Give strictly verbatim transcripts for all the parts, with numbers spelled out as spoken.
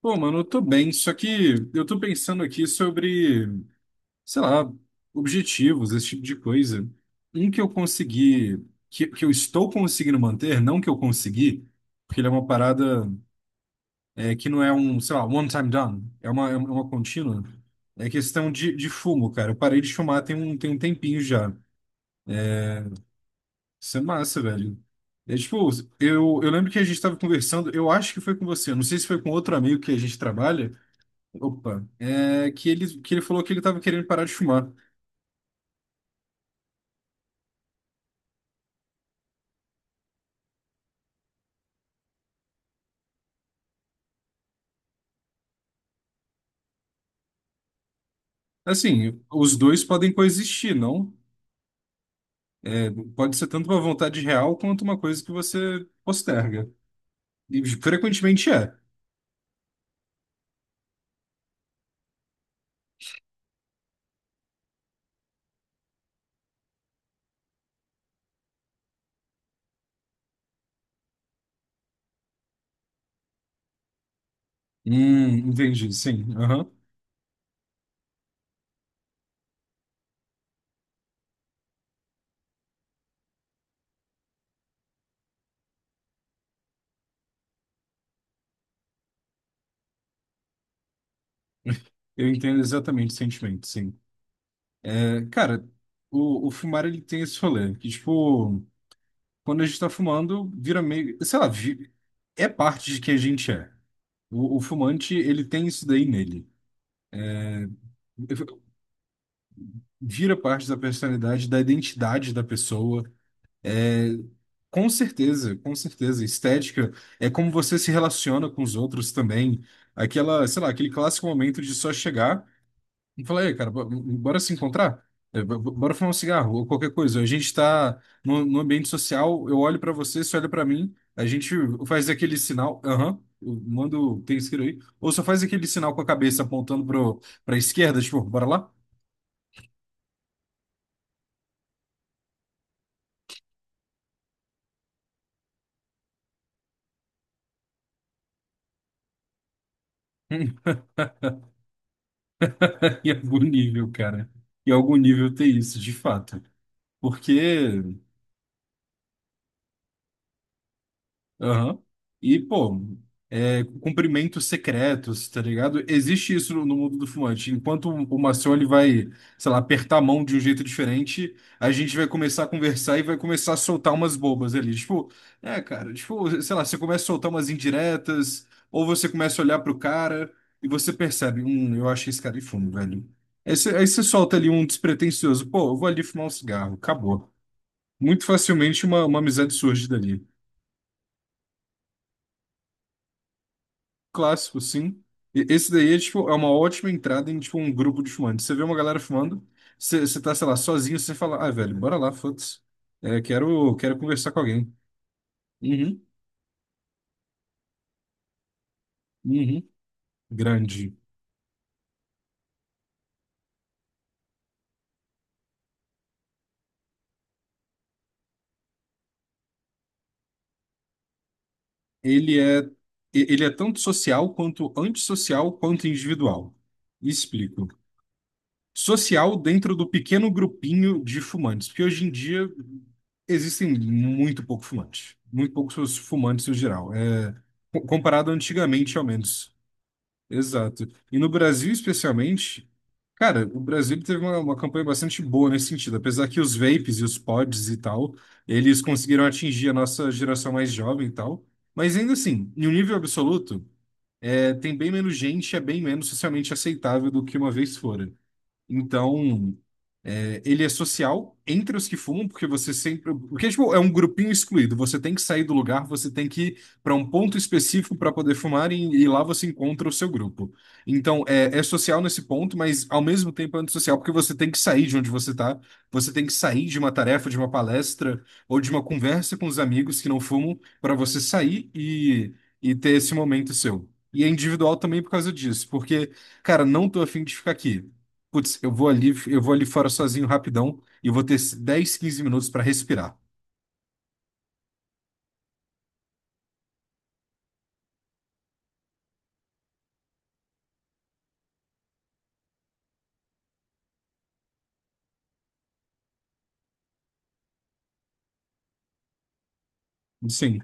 Pô, mano, eu tô bem, só que eu tô pensando aqui sobre, sei lá, objetivos, esse tipo de coisa. Um que eu consegui, que, que eu estou conseguindo manter, não que eu consegui, porque ele é uma parada é, que não é um, sei lá, one time done, é uma, é uma contínua, é questão de, de fumo, cara. Eu parei de fumar tem um, tem um tempinho já. Isso é massa, velho. É tipo, eu, eu lembro que a gente tava conversando, eu acho que foi com você, eu não sei se foi com outro amigo que a gente trabalha. Opa, é que ele, que ele falou que ele estava querendo parar de fumar. Assim, os dois podem coexistir, não? É, pode ser tanto uma vontade real quanto uma coisa que você posterga. E frequentemente é. Hum, entendi, sim. Aham. Eu entendo exatamente o sentimento, sim. É, cara, o, o fumar ele tem esse rolê, que tipo, quando a gente tá fumando, vira meio, sei lá, vi- é parte de quem a gente é. O, o fumante, ele tem isso daí nele. Vira parte da personalidade, da identidade da pessoa. É, com certeza, com certeza. Estética é como você se relaciona com os outros também. Aquela, sei lá, aquele clássico momento de só chegar e falar, ei, cara, bo- bora se encontrar? É, bo- bo- bora fumar um cigarro ou qualquer coisa. A gente tá no, no ambiente social, eu olho pra você, você olha pra mim, a gente faz aquele sinal, aham, eu mando, tem escrito aí, ou só faz aquele sinal com a cabeça apontando pro, pra esquerda, tipo, bora lá? Em algum nível, cara. Em algum nível tem isso, de fato. Porque. Aham. E, pô, é, cumprimentos secretos, tá ligado? Existe isso no no mundo do fumante. Enquanto o o Maciel ele vai, sei lá, apertar a mão de um jeito diferente, a gente vai começar a conversar e vai começar a soltar umas bobas ali. Tipo, é, cara, tipo, sei lá, você começa a soltar umas indiretas, ou você começa a olhar pro cara e você percebe, hum, eu acho que esse cara de fumo, velho. Aí você, aí você solta ali um despretensioso, pô, eu vou ali fumar um cigarro, acabou. Muito facilmente uma, uma amizade surge dali. Clássico, sim. E esse daí é, tipo, é uma ótima entrada em tipo, um grupo de fumantes. Você vê uma galera fumando, você você tá, sei lá, sozinho, você fala, ah, velho, bora lá, foda-se. É, quero, quero conversar com alguém. Uhum, uhum. Grande. Ele é, e- ele é tanto social quanto antissocial quanto individual. Explico. Social dentro do pequeno grupinho de fumantes, porque hoje em dia existem muito pouco fumantes. Muito poucos fumantes no geral. É, co- comparado antigamente, ao menos. Exato. E no Brasil, especialmente, cara, o Brasil teve uma, uma campanha bastante boa nesse sentido. Apesar que os vapes e os pods e tal, eles conseguiram atingir a nossa geração mais jovem e tal. Mas ainda assim, em um nível absoluto, é, tem bem menos gente, é bem menos socialmente aceitável do que uma vez fora. Então, é, ele é social entre os que fumam, porque você sempre. Porque, tipo, é um grupinho excluído. Você tem que sair do lugar, você tem que ir para um ponto específico para poder fumar e, e lá você encontra o seu grupo. Então, é, é social nesse ponto, mas ao mesmo tempo é antissocial, porque você tem que sair de onde você tá, você tem que sair de uma tarefa, de uma palestra ou de uma conversa com os amigos que não fumam, para você sair e, e ter esse momento seu. E é individual também por causa disso, porque, cara, não tô afim de ficar aqui. Putz, eu vou ali, eu vou ali fora sozinho rapidão e vou ter dez quinze minutos para respirar. Sim,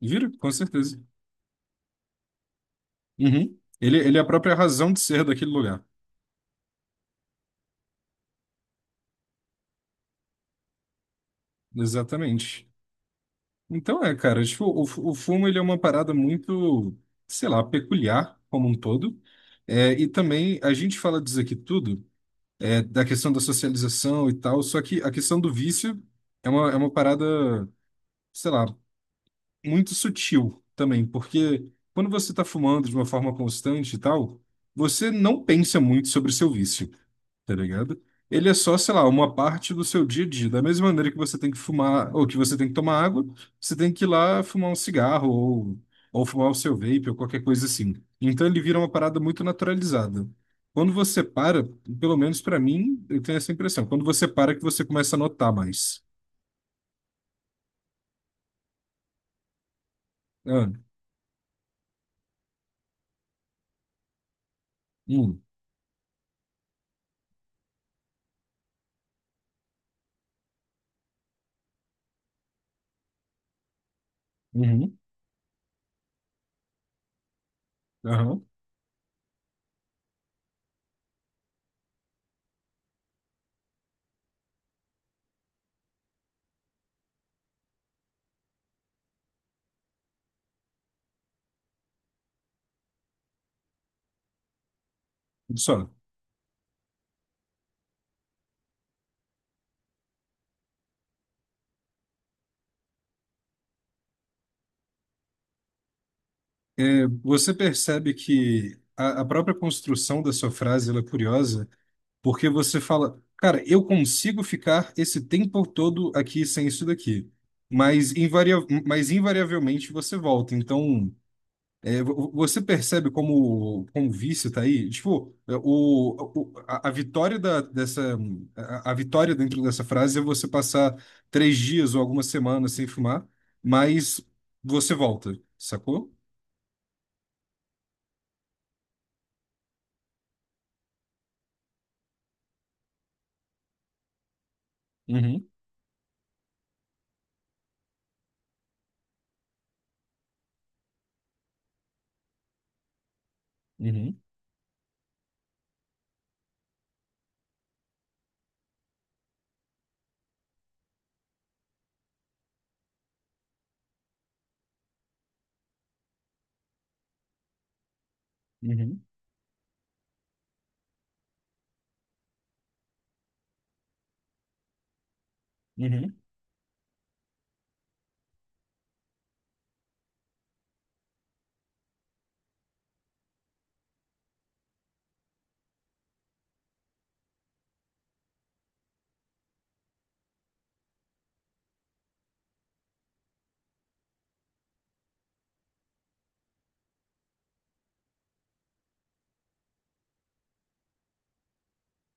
vira, com certeza. Uhum. Ele, ele é a própria razão de ser daquele lugar. Exatamente. Então é, cara, tipo, o, fu- o fumo ele é uma parada muito, sei lá, peculiar como um todo. É, e também a gente fala disso aqui tudo, é, da questão da socialização e tal, só que a questão do vício é uma, é uma parada, sei lá, muito sutil também, porque quando você está fumando de uma forma constante e tal, você não pensa muito sobre o seu vício, tá ligado? Ele é só, sei lá, uma parte do seu dia a dia. Da mesma maneira que você tem que fumar, ou que você tem que tomar água, você tem que ir lá fumar um cigarro, ou, ou fumar o seu vape, ou qualquer coisa assim. Então ele vira uma parada muito naturalizada. Quando você para, pelo menos pra mim, eu tenho essa impressão. Quando você para, que você começa a notar mais. Ah, hum, uhum, aham, só. Você percebe que a, a própria construção da sua frase ela é curiosa, porque você fala, cara, eu consigo ficar esse tempo todo aqui sem isso daqui, mas, invaria mas invariavelmente você volta. Então, é, vo- você percebe como, como o vício tá aí? Tipo, é, o, o- a, a vitória da, dessa, a, a vitória dentro dessa frase é você passar três dias ou algumas semanas sem fumar, mas você volta, sacou? Uhum, uhum. Uhum, uhum.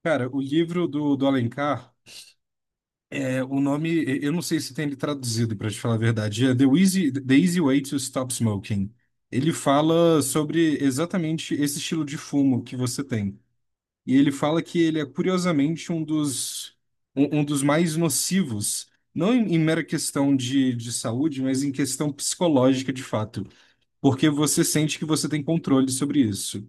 Cara, o livro do, do Alencar, é, o nome, e- eu não sei se tem ele traduzido, para te falar a verdade, é The Easy, The Easy Way to Stop Smoking. Ele fala sobre exatamente esse estilo de fumo que você tem. E ele fala que ele é curiosamente um dos, um, um dos mais nocivos, não em, em mera questão de, de saúde, mas em questão psicológica de fato, porque você sente que você tem controle sobre isso.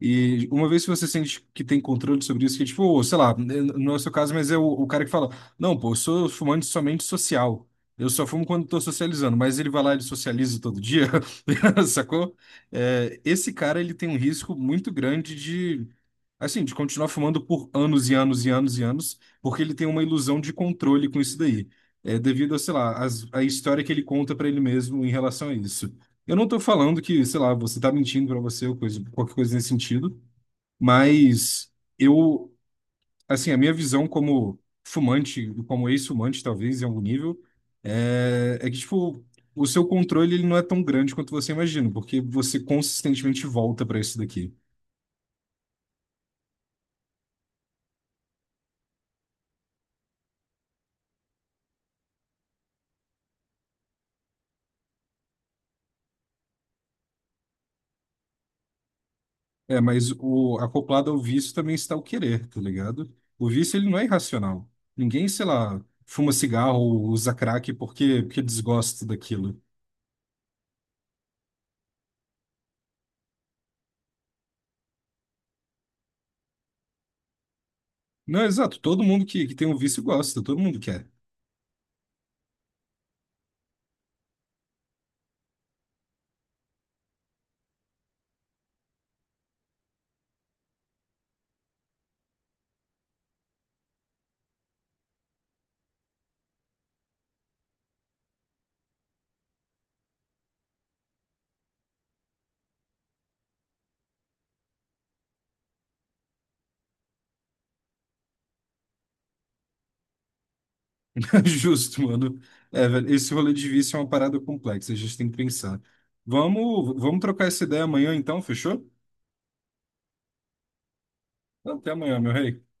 E uma vez que você sente que tem controle sobre isso, que tipo, sei lá, não é o seu caso, mas é o, o cara que fala, não, pô, eu sou fumante somente social. Eu só fumo quando tô socializando, mas ele vai lá, e ele socializa todo dia, sacou? É, esse cara, ele tem um risco muito grande de, assim, de continuar fumando por anos e anos e anos e anos, porque ele tem uma ilusão de controle com isso daí. É devido a, sei lá, as- a história que ele conta pra ele mesmo em relação a isso. Eu não tô falando que, sei lá, você tá mentindo pra você ou coisa, qualquer coisa nesse sentido, mas eu, assim, a minha visão como fumante, como ex-fumante, talvez, em algum nível, é, é que, tipo, o seu controle ele não é tão grande quanto você imagina, porque você consistentemente volta pra isso daqui. É, mas o acoplado ao vício também está o querer, tá ligado? O vício ele não é irracional. Ninguém, sei lá, fuma cigarro ou usa crack porque, porque desgosta daquilo. Não, exato. Todo mundo que, que tem um vício gosta, todo mundo quer. Justo, mano. É, velho, esse rolê de vício é uma parada complexa, a gente tem que pensar. Vamos, vamos trocar essa ideia amanhã então, fechou? Então, até amanhã, meu rei.